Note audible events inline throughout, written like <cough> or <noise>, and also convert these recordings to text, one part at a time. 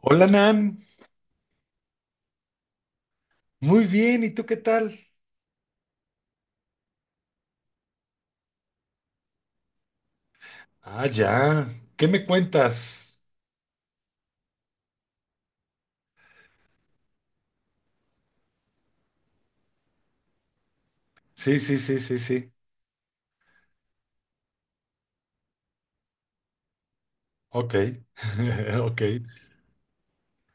Hola Nan, muy bien, ¿y tú qué tal? Ah, ya, ¿qué me cuentas? Sí, sí, sí, sí, sí, ok, <laughs> ok.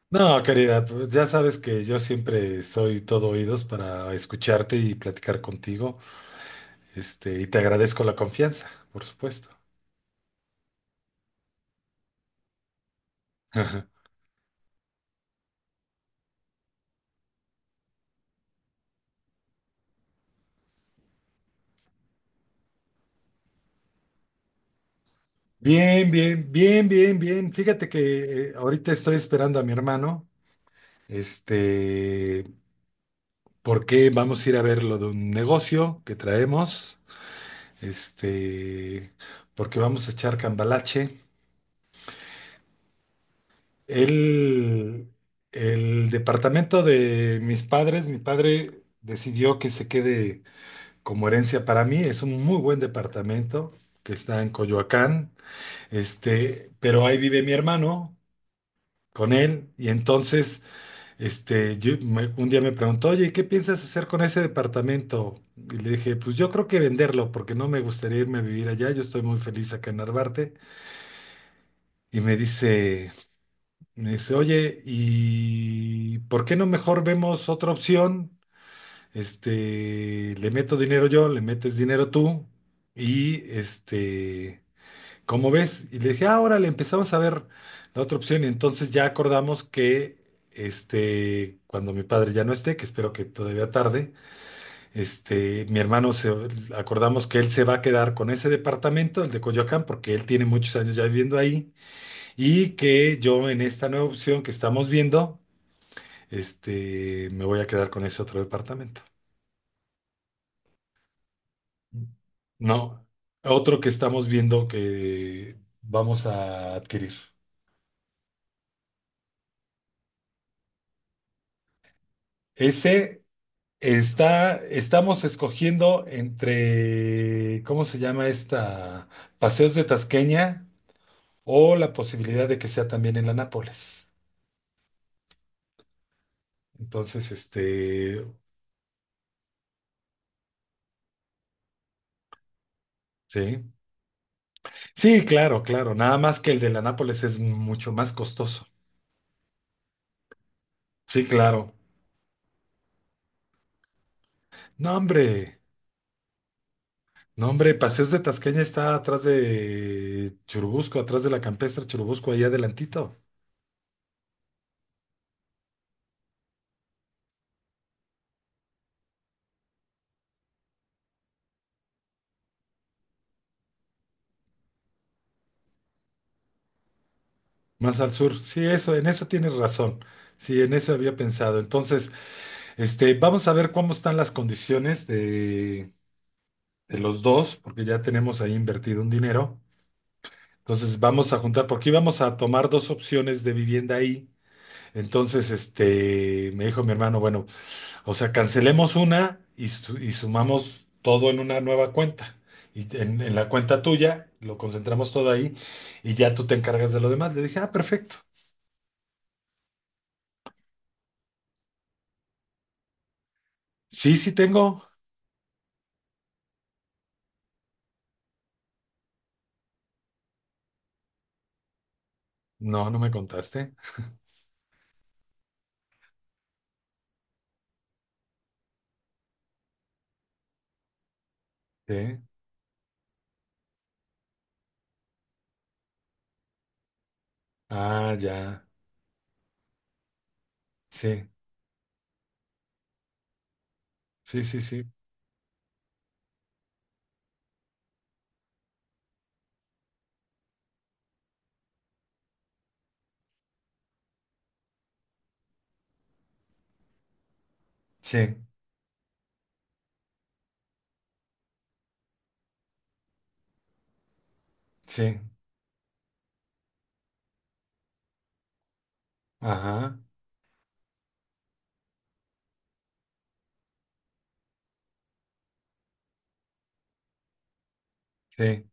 No, querida, pues ya sabes que yo siempre soy todo oídos para escucharte y platicar contigo, y te agradezco la confianza, por supuesto. <laughs> Bien, bien, bien, bien, bien. Fíjate que ahorita estoy esperando a mi hermano, este, porque vamos a ir a ver lo de un negocio que traemos. este, Porque vamos a echar cambalache. El, el departamento de mis padres, mi padre decidió que se quede como herencia para mí, es un muy buen departamento que está en Coyoacán, pero ahí vive mi hermano con él y entonces, un día me preguntó, oye, ¿qué piensas hacer con ese departamento? Y le dije, pues yo creo que venderlo porque no me gustaría irme a vivir allá, yo estoy muy feliz acá en Narvarte. Y me dice, me dice, oye, ¿y por qué no mejor vemos otra opción? Le meto dinero yo, le metes dinero tú, y ¿cómo ves? Y le dije, ah, órale, empezamos a ver la otra opción, y entonces ya acordamos que, cuando mi padre ya no esté, que espero que todavía tarde, este, mi hermano se, acordamos que él se va a quedar con ese departamento, el de Coyoacán, porque él tiene muchos años ya viviendo ahí, y que yo en esta nueva opción que estamos viendo, me voy a quedar con ese otro departamento. No, otro que estamos viendo que vamos a adquirir. Ese estamos escogiendo entre, ¿cómo se llama esta? Paseos de Tasqueña o la posibilidad de que sea también en la Nápoles. Entonces, sí. Sí, claro, claro. Nada más que el de la Nápoles es mucho más costoso. Sí, claro. No, hombre, no, hombre, Paseos de Tasqueña está atrás de Churubusco, atrás de la campestre Churubusco, ahí adelantito, más al sur. Sí, eso, en eso tienes razón. Sí, en eso había pensado. Entonces, vamos a ver cómo están las condiciones de los dos, porque ya tenemos ahí invertido un dinero. Entonces, vamos a juntar, porque íbamos a tomar dos opciones de vivienda ahí. Entonces, me dijo mi hermano, bueno, o sea, cancelemos una y sumamos todo en una nueva cuenta. En la cuenta tuya lo concentramos todo ahí y ya tú te encargas de lo demás. Le dije, ah, perfecto. Sí, sí tengo. No, no me contaste. Sí. Ah, ya. Sí, sí, sí, sí. Sí, sí. Ajá. Sí.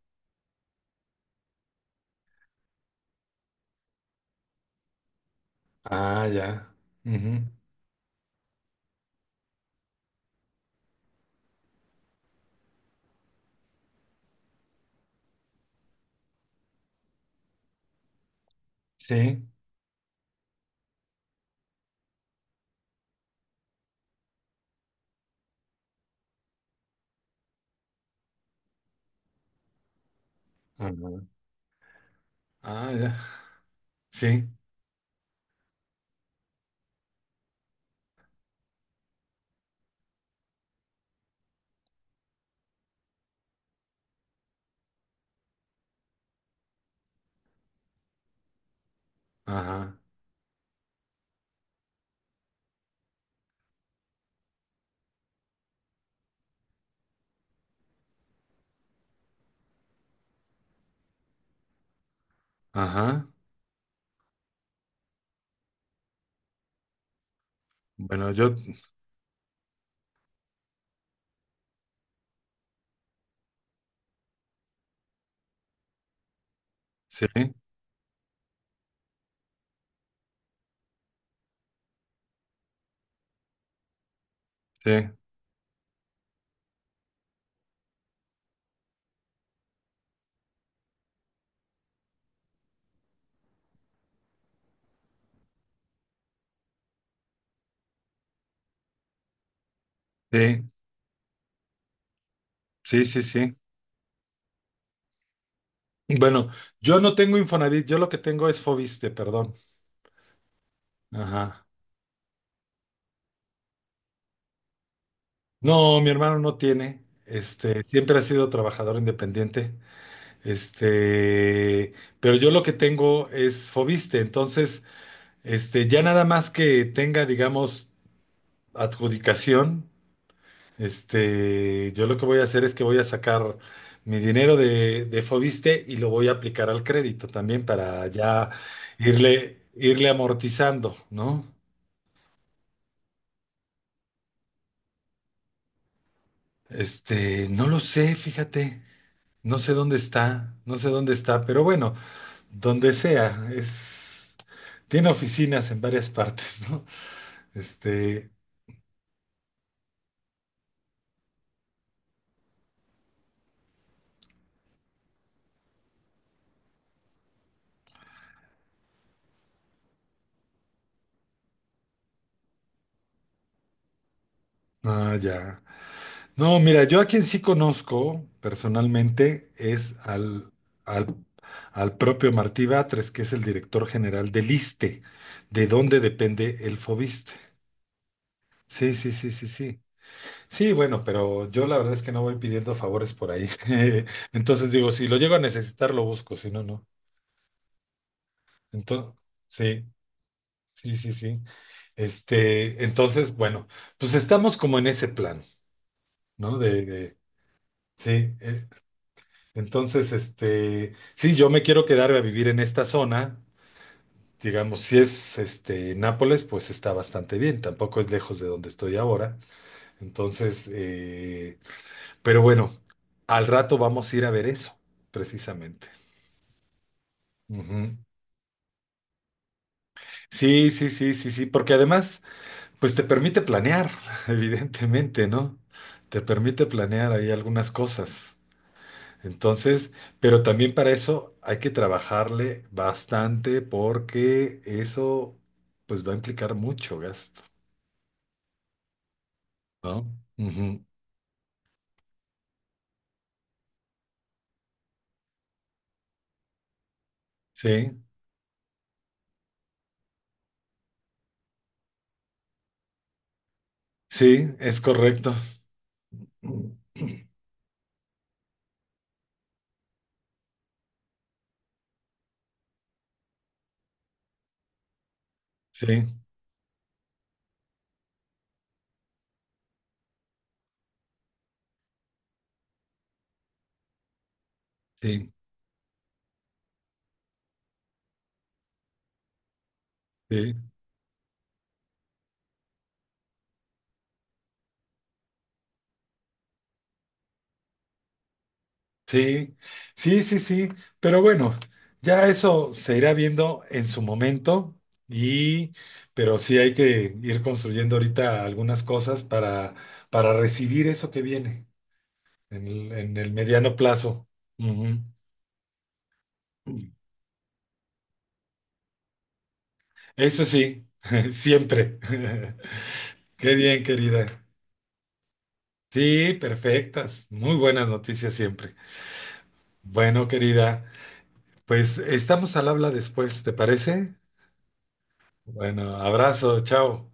Ah, ya. Ujú. Sí. Ajá. Ah, ya. Sí. Ajá. Ajá. Bueno, yo. Sí, sí, sí. Sí, sí, sí. Bueno, yo no tengo Infonavit, yo lo que tengo es Foviste, perdón. Ajá. No, mi hermano no tiene. Siempre ha sido trabajador independiente. Este, pero yo lo que tengo es Foviste, entonces, ya nada más que tenga, digamos, adjudicación, yo lo que voy a hacer es que voy a sacar mi dinero de Foviste y lo voy a aplicar al crédito también para ya irle amortizando, ¿no? No lo sé, fíjate, no sé dónde está, no sé dónde está, pero bueno, donde sea, es, tiene oficinas en varias <laughs> partes, ¿no? Este, ah, ya. No, mira, yo a quien sí conozco personalmente es al, al propio Martí Batres, que es el director general del ISSSTE, de donde depende el Fobiste. Sí, sí, sí, sí, sí. Sí, bueno, pero yo la verdad es que no voy pidiendo favores por ahí. <laughs> Entonces digo, si lo llego a necesitar, lo busco, si no, no. Entonces, sí, sí, sí, sí. Entonces, bueno, pues estamos como en ese plan, ¿no? Sí, eh, entonces, sí, yo me quiero quedar a vivir en esta zona, digamos, si es, Nápoles, pues está bastante bien, tampoco es lejos de donde estoy ahora, entonces, pero bueno, al rato vamos a ir a ver eso, precisamente. Ujú. Sí, sí, sí, sí, sí, porque además, pues te permite planear, <laughs> evidentemente, ¿no? Te permite planear ahí algunas cosas. Entonces, pero también para eso hay que trabajarle bastante porque eso, pues va a implicar mucho gasto, ¿no? Ujú. Sí, sí, es correcto. Sí, sí, sí. Sí, sí, sí, sí, pero bueno, ya eso se irá viendo en su momento y, pero sí hay que ir construyendo ahorita algunas cosas para recibir eso que viene en el mediano plazo. Ujú. Eso sí, <laughs> siempre. <laughs> Qué bien, querida. Sí, perfectas, muy buenas noticias siempre. Bueno, querida, pues estamos al habla después, ¿te parece? Bueno, abrazo, chao.